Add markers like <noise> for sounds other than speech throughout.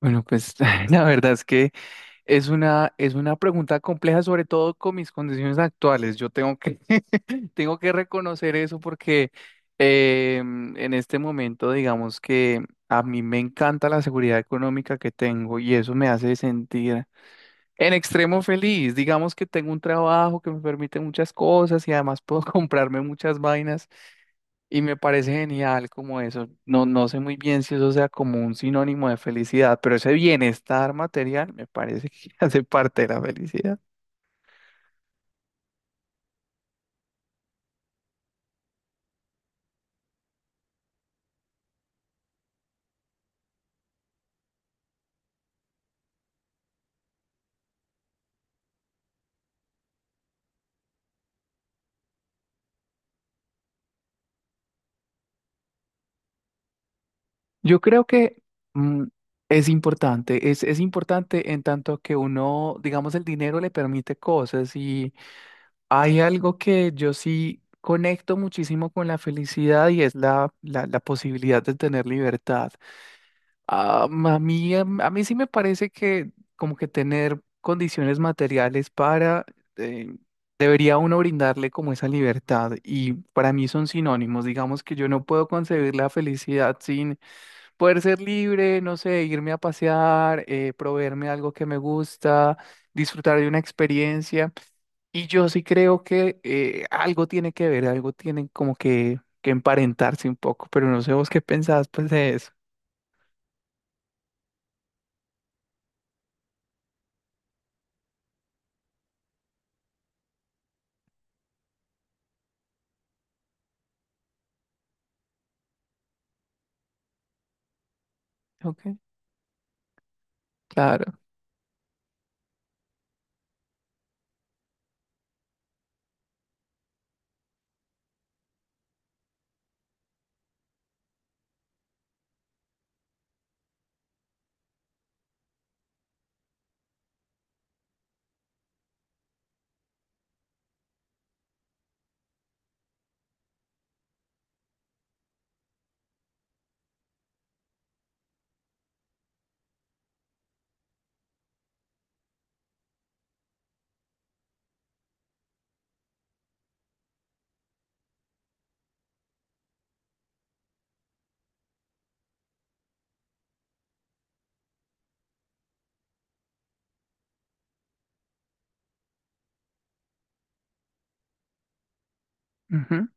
Bueno, pues <laughs> la verdad es que es una pregunta compleja, sobre todo con mis condiciones actuales. <laughs> Tengo que reconocer eso porque en este momento, digamos que a mí me encanta la seguridad económica que tengo y eso me hace sentir en extremo feliz. Digamos que tengo un trabajo que me permite muchas cosas y además puedo <laughs> comprarme muchas vainas y me parece genial como eso. No sé muy bien si eso sea como un sinónimo de felicidad, pero ese bienestar material me parece que <laughs> hace parte de la felicidad. Yo creo que mm, es importante. Es importante en tanto que uno, digamos, el dinero le permite cosas, y hay algo que yo sí conecto muchísimo con la felicidad, y es la posibilidad de tener libertad. A mí, a mí sí me parece que como que tener condiciones materiales para, eh, debería uno brindarle como esa libertad, y para mí son sinónimos. Digamos que yo no puedo concebir la felicidad sin poder ser libre, no sé, irme a pasear, proveerme algo que me gusta, disfrutar de una experiencia. Y yo sí creo que algo tiene que ver, algo tiene como que emparentarse un poco, pero no sé vos qué pensás pues de eso. Ok, claro. Ujú.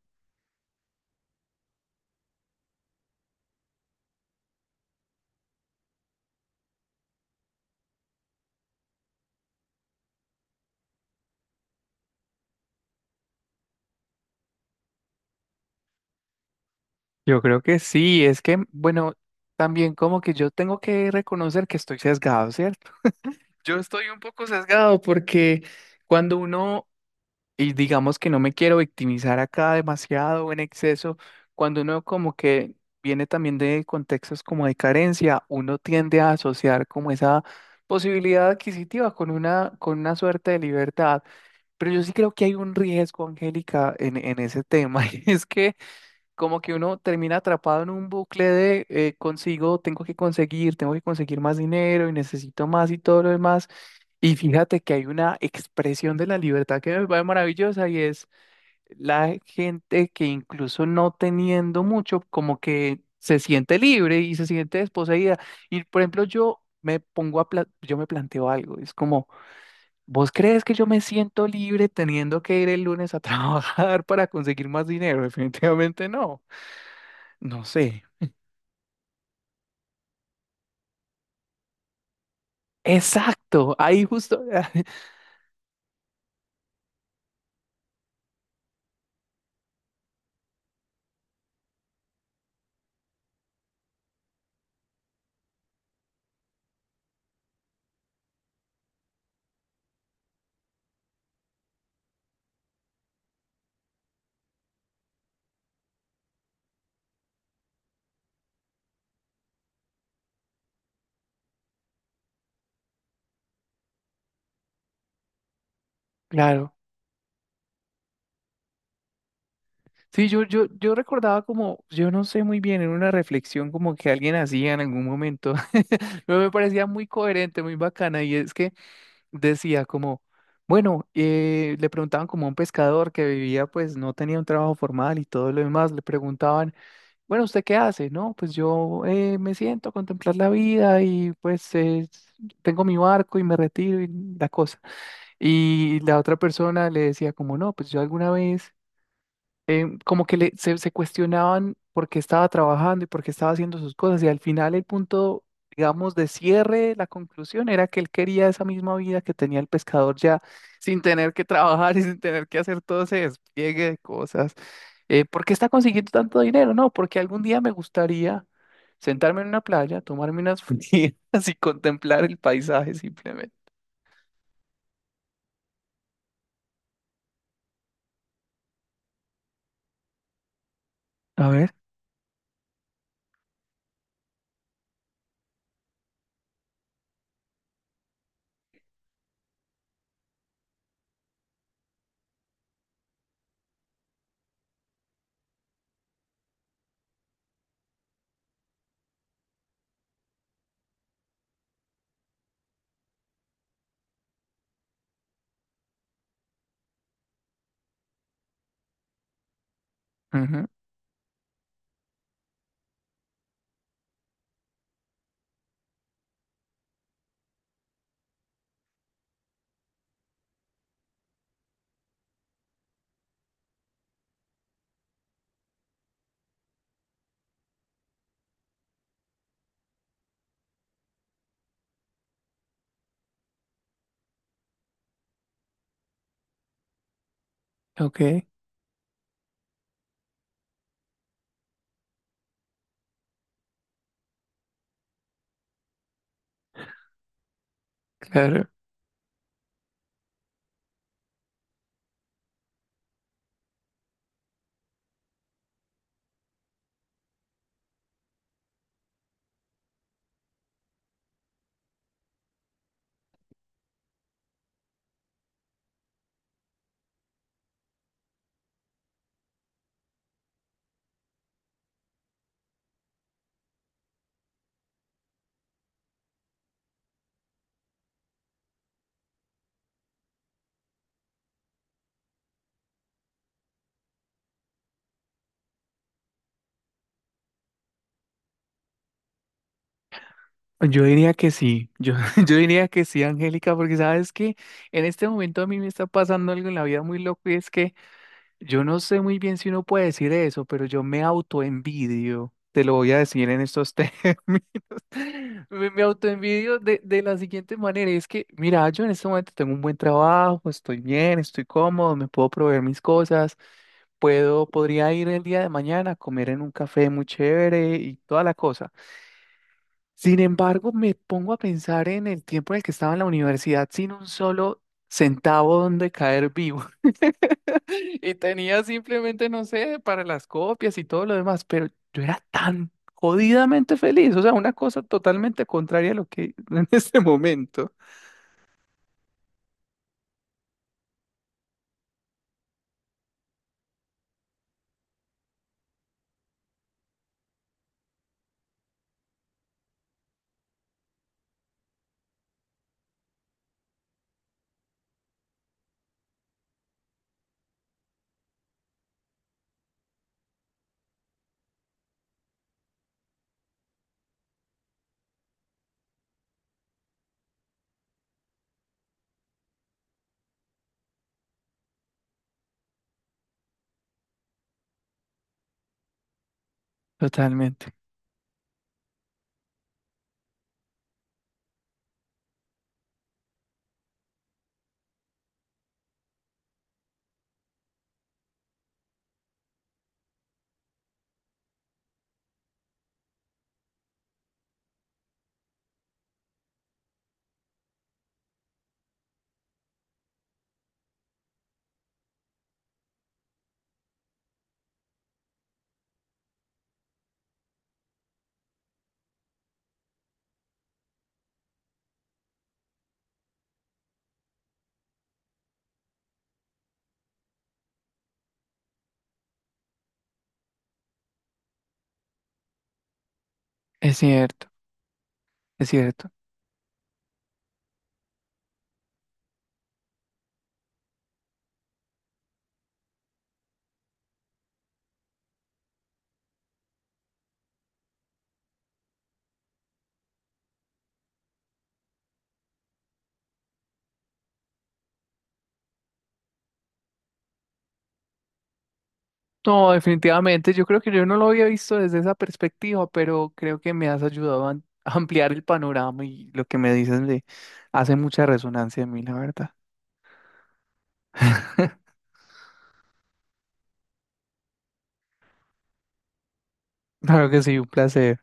Yo creo que sí. Es que, bueno, también como que yo tengo que reconocer que estoy sesgado, ¿cierto? Yo estoy un poco sesgado porque cuando uno y digamos que no me quiero victimizar acá demasiado o en exceso, cuando uno como que viene también de contextos como de carencia, uno tiende a asociar como esa posibilidad adquisitiva con una suerte de libertad. Pero yo sí creo que hay un riesgo, Angélica, en ese tema, <laughs> y es que como que uno termina atrapado en un bucle de consigo, tengo que conseguir más dinero y necesito más y todo lo demás. Y fíjate que hay una expresión de la libertad que me parece maravillosa, y es la gente que, incluso no teniendo mucho, como que se siente libre y se siente desposeída. Y por ejemplo, yo me planteo algo, es como, ¿vos crees que yo me siento libre teniendo que ir el lunes a <laughs> trabajar para conseguir más dinero? Definitivamente no. No sé. Exacto, ahí justo. <laughs> Claro. Sí, yo recordaba como, yo no sé muy bien, en una reflexión como que alguien hacía en algún momento, <laughs> pero me parecía muy coherente, muy bacana, y es que decía como, bueno, le preguntaban como a un pescador que vivía, pues no tenía un trabajo formal y todo lo demás. Le preguntaban, bueno, ¿usted qué hace? No, pues yo me siento a contemplar la vida y pues tengo mi barco y me retiro y la cosa. Y la otra persona le decía como, no, pues yo alguna vez, como que se cuestionaban por qué estaba trabajando y por qué estaba haciendo sus cosas. Y al final el punto, digamos, de cierre, la conclusión era que él quería esa misma vida que tenía el pescador ya, sin tener que trabajar y sin tener que hacer todo ese despliegue de cosas. ¿Por qué está consiguiendo tanto dinero? No, porque algún día me gustaría sentarme en una playa, tomarme unas frías <laughs> y contemplar el paisaje simplemente. A ver. Ujú. Ok. Claro, yo diría que sí. Yo, <laughs> yo diría que sí, Angélica, porque sabes que en este momento a mí me está pasando algo en la vida muy loco, y es que yo no sé muy bien si uno puede decir eso, pero yo me autoenvidio, te lo voy a decir en estos <laughs> términos. Me autoenvidio de la siguiente manera, y es que, mira, yo en este momento tengo un buen trabajo, estoy bien, estoy cómodo, me puedo proveer mis cosas, puedo, podría ir el día de mañana a comer en un café muy chévere y toda la cosa. Sin embargo, me pongo a pensar en el tiempo en el que estaba en la universidad sin un solo centavo donde caer vivo. <laughs> Y tenía simplemente, no sé, para las copias y todo lo demás, pero yo era tan jodidamente feliz. O sea, una cosa totalmente contraria a lo que <laughs> en este momento. Totalmente. Es cierto, es cierto. No, definitivamente, yo creo que yo no lo había visto desde esa perspectiva, pero creo que me has ayudado a <laughs> a ampliar el panorama, y lo que me dices le hace mucha resonancia a mí, la verdad. <laughs> Claro que sí, un placer.